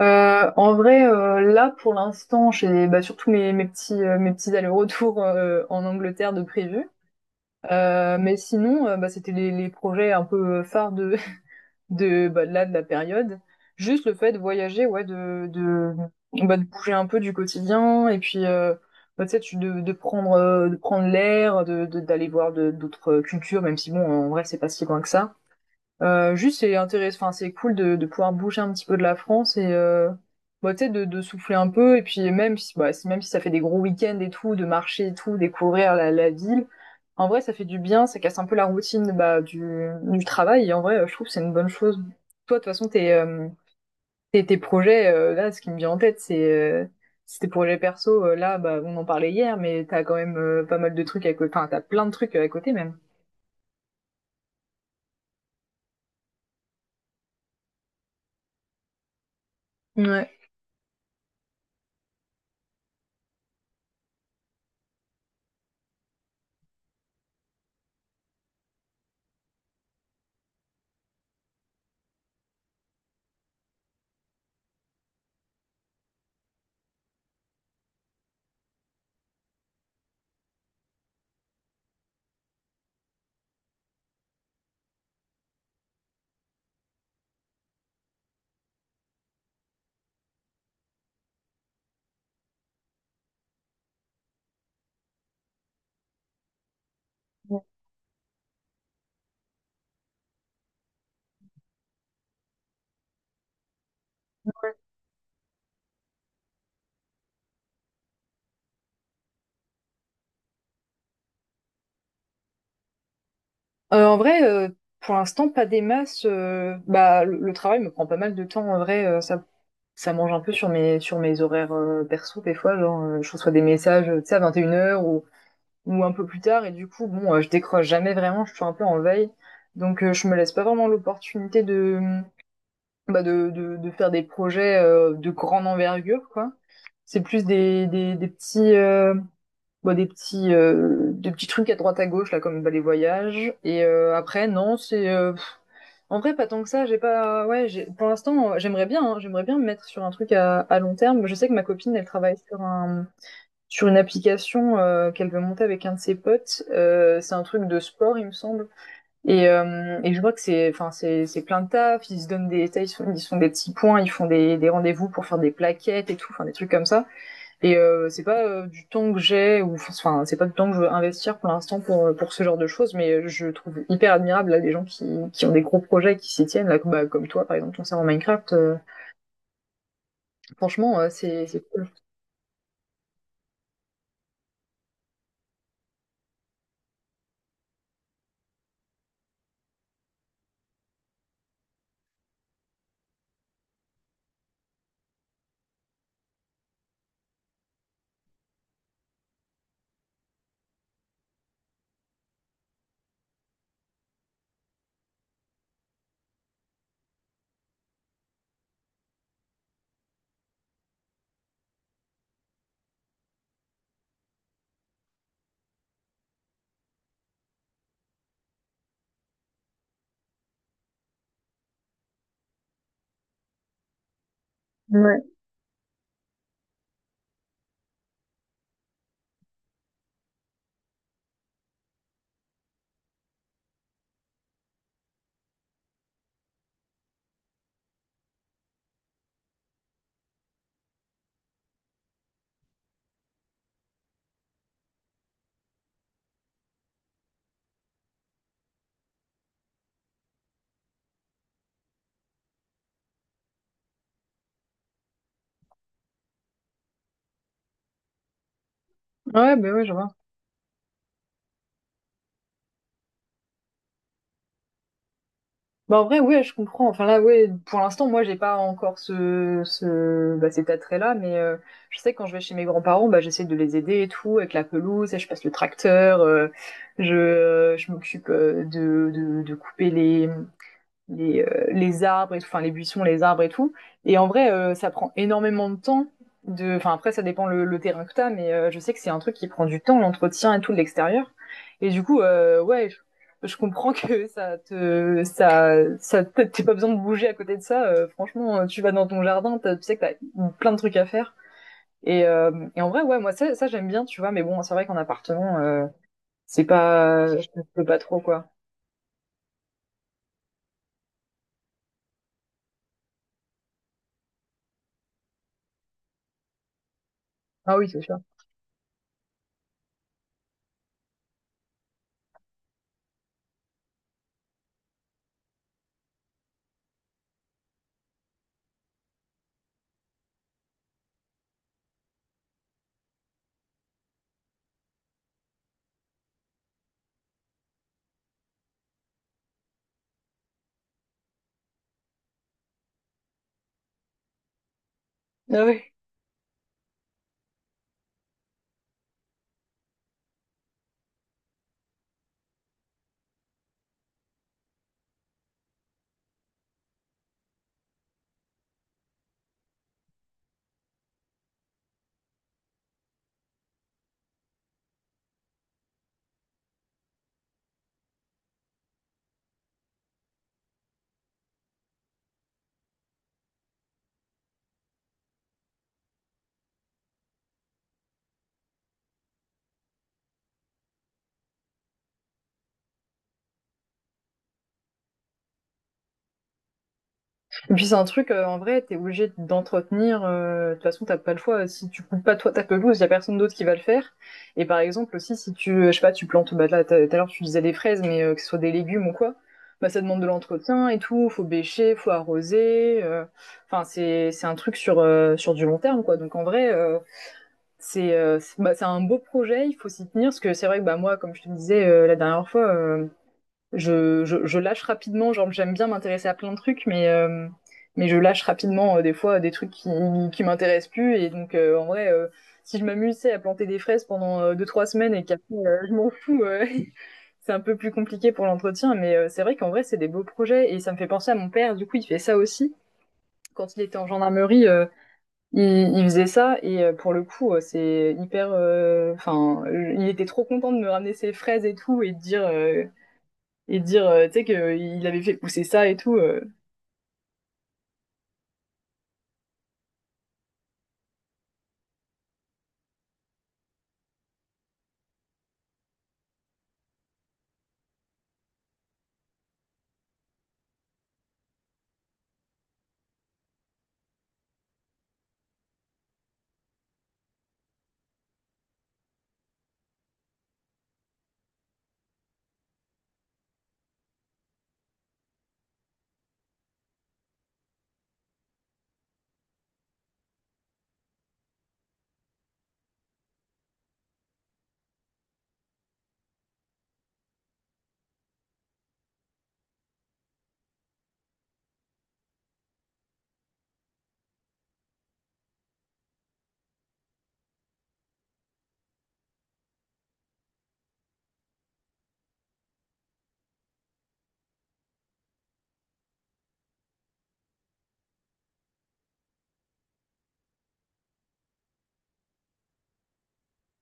En vrai, là pour l'instant, j'ai bah, surtout mes petits allers-retours en Angleterre de prévu. Mais sinon, bah, c'était les projets un peu phares de de bah, de la période. Juste le fait de voyager, ouais, de bah, de bouger un peu du quotidien et puis bah, tu sais, de prendre l'air, d'aller voir d'autres cultures, même si bon, en vrai, c'est pas si loin que ça. Juste, c'est intéressant, enfin, c'est cool de pouvoir bouger un petit peu de la France et bah, tu sais, de souffler un peu. Et puis, même si, bah, même si ça fait des gros week-ends et tout, de marcher et tout, découvrir la ville, en vrai, ça fait du bien, ça casse un peu la routine bah, du travail. Et en vrai, je trouve que c'est une bonne chose. Toi, de toute façon, tes projets, là, ce qui me vient en tête, c'est tes projets perso. Là, bah, on en parlait hier, mais t'as quand même pas mal de trucs à côté, enfin, t'as plein de trucs à côté même. Ouais. En vrai, pour l'instant, pas des masses. Bah, le travail me prend pas mal de temps. En vrai, ça mange un peu sur sur mes horaires perso des fois. Genre, je reçois des messages, tu sais, à 21 heures ou un peu plus tard. Et du coup, bon, je décroche jamais vraiment. Je suis un peu en veille. Donc, je me laisse pas vraiment l'opportunité de, bah, de faire des projets de grande envergure, quoi. C'est plus des petits. Bah, des petits trucs à droite à gauche là comme bah, les voyages et après non en vrai pas tant que ça. J'ai pas, ouais, pour l'instant j'aimerais bien, hein, j'aimerais bien me mettre sur un truc à long terme. Je sais que ma copine elle travaille sur une application qu'elle veut monter avec un de ses potes. C'est un truc de sport, il me semble. Et je vois que c'est enfin c'est plein de taf. Ils se font des petits points. Ils font des rendez-vous pour faire des plaquettes et tout, enfin des trucs comme ça. C'est pas du temps que j'ai, ou enfin c'est pas du temps que je veux investir pour l'instant pour ce genre de choses, mais je trouve hyper admirable là des gens qui ont des gros projets et qui s'y tiennent là comme bah, comme toi par exemple ton serveur Minecraft. Franchement, c'est cool. Ouais. Ouais, bah ouais, je vois. Bah en vrai, ouais, je comprends. Enfin là, ouais, pour l'instant moi j'ai pas encore ce ce bah cet attrait là, mais je sais que quand je vais chez mes grands-parents bah j'essaie de les aider et tout avec la pelouse, et je passe le tracteur, je m'occupe de couper les arbres et tout, enfin les buissons, les arbres et tout. Et en vrai, ça prend énormément de temps. Enfin, après, ça dépend le terrain que t'as, mais je sais que c'est un truc qui prend du temps, l'entretien et tout de l'extérieur. Et du coup, ouais, je comprends que ça te, ça, t'as pas besoin de bouger à côté de ça. Franchement, tu vas dans ton jardin, tu sais que t'as plein de trucs à faire. Et, euh, et en vrai, ouais, moi ça j'aime bien, tu vois. Mais bon, c'est vrai qu'en appartement, c'est pas, je peux pas trop quoi. Ah oui, c'est sûr. Ah oui. Et puis c'est un truc, en vrai, t'es obligé d'entretenir. De toute façon, t'as pas le choix. Si tu coupes pas toi ta pelouse, y a personne d'autre qui va le faire. Et par exemple aussi, si tu, je sais pas, tu plantes, bah là, tout à l'heure tu disais des fraises, mais que ce soit des légumes ou quoi, bah ça demande de l'entretien et tout. Faut bêcher, faut arroser. Enfin, c'est un truc sur sur du long terme, quoi. Donc en vrai, c'est un beau projet. Il faut s'y tenir parce que c'est vrai que bah moi, comme je te disais la dernière fois. Je lâche rapidement, genre j'aime bien m'intéresser à plein de trucs, mais je lâche rapidement des fois des trucs qui m'intéressent plus. Et donc en vrai, si je m'amusais à planter des fraises pendant 2, 3 semaines et qu'après je m'en fous, c'est un peu plus compliqué pour l'entretien. Mais c'est vrai qu'en vrai, c'est des beaux projets et ça me fait penser à mon père. Du coup, il fait ça aussi. Quand il était en gendarmerie, il faisait ça pour le coup, c'est hyper. Enfin, il était trop content de me ramener ses fraises et tout et de dire. Et dire, tu sais, qu'il avait fait pousser ça et tout.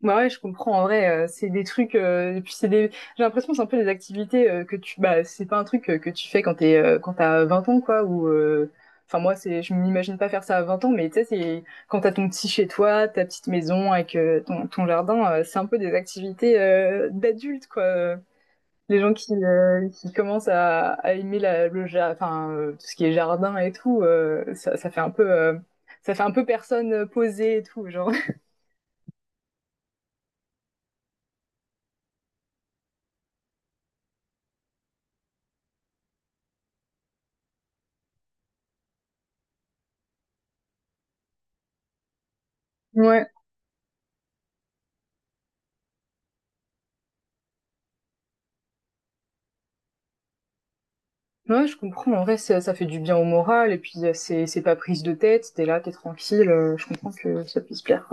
Bah ouais, je comprends, en vrai, c'est des trucs, et puis c'est des, j'ai l'impression que c'est un peu des activités que tu, bah, c'est pas un truc que tu fais quand t'es, quand t'as 20 ans, quoi, ou, enfin, moi, c'est, je m'imagine pas faire ça à 20 ans, mais tu sais, c'est quand t'as ton petit chez toi, ta petite maison avec ton jardin, c'est un peu des activités d'adultes, quoi. Les gens qui commencent à aimer enfin, tout ce qui est jardin et tout, ça fait un peu, ça fait un peu personne posée et tout, genre. Ouais. Ouais, je comprends. En vrai, ça fait du bien au moral et puis c'est pas prise de tête. T'es là, t'es tranquille. Je comprends que ça puisse plaire.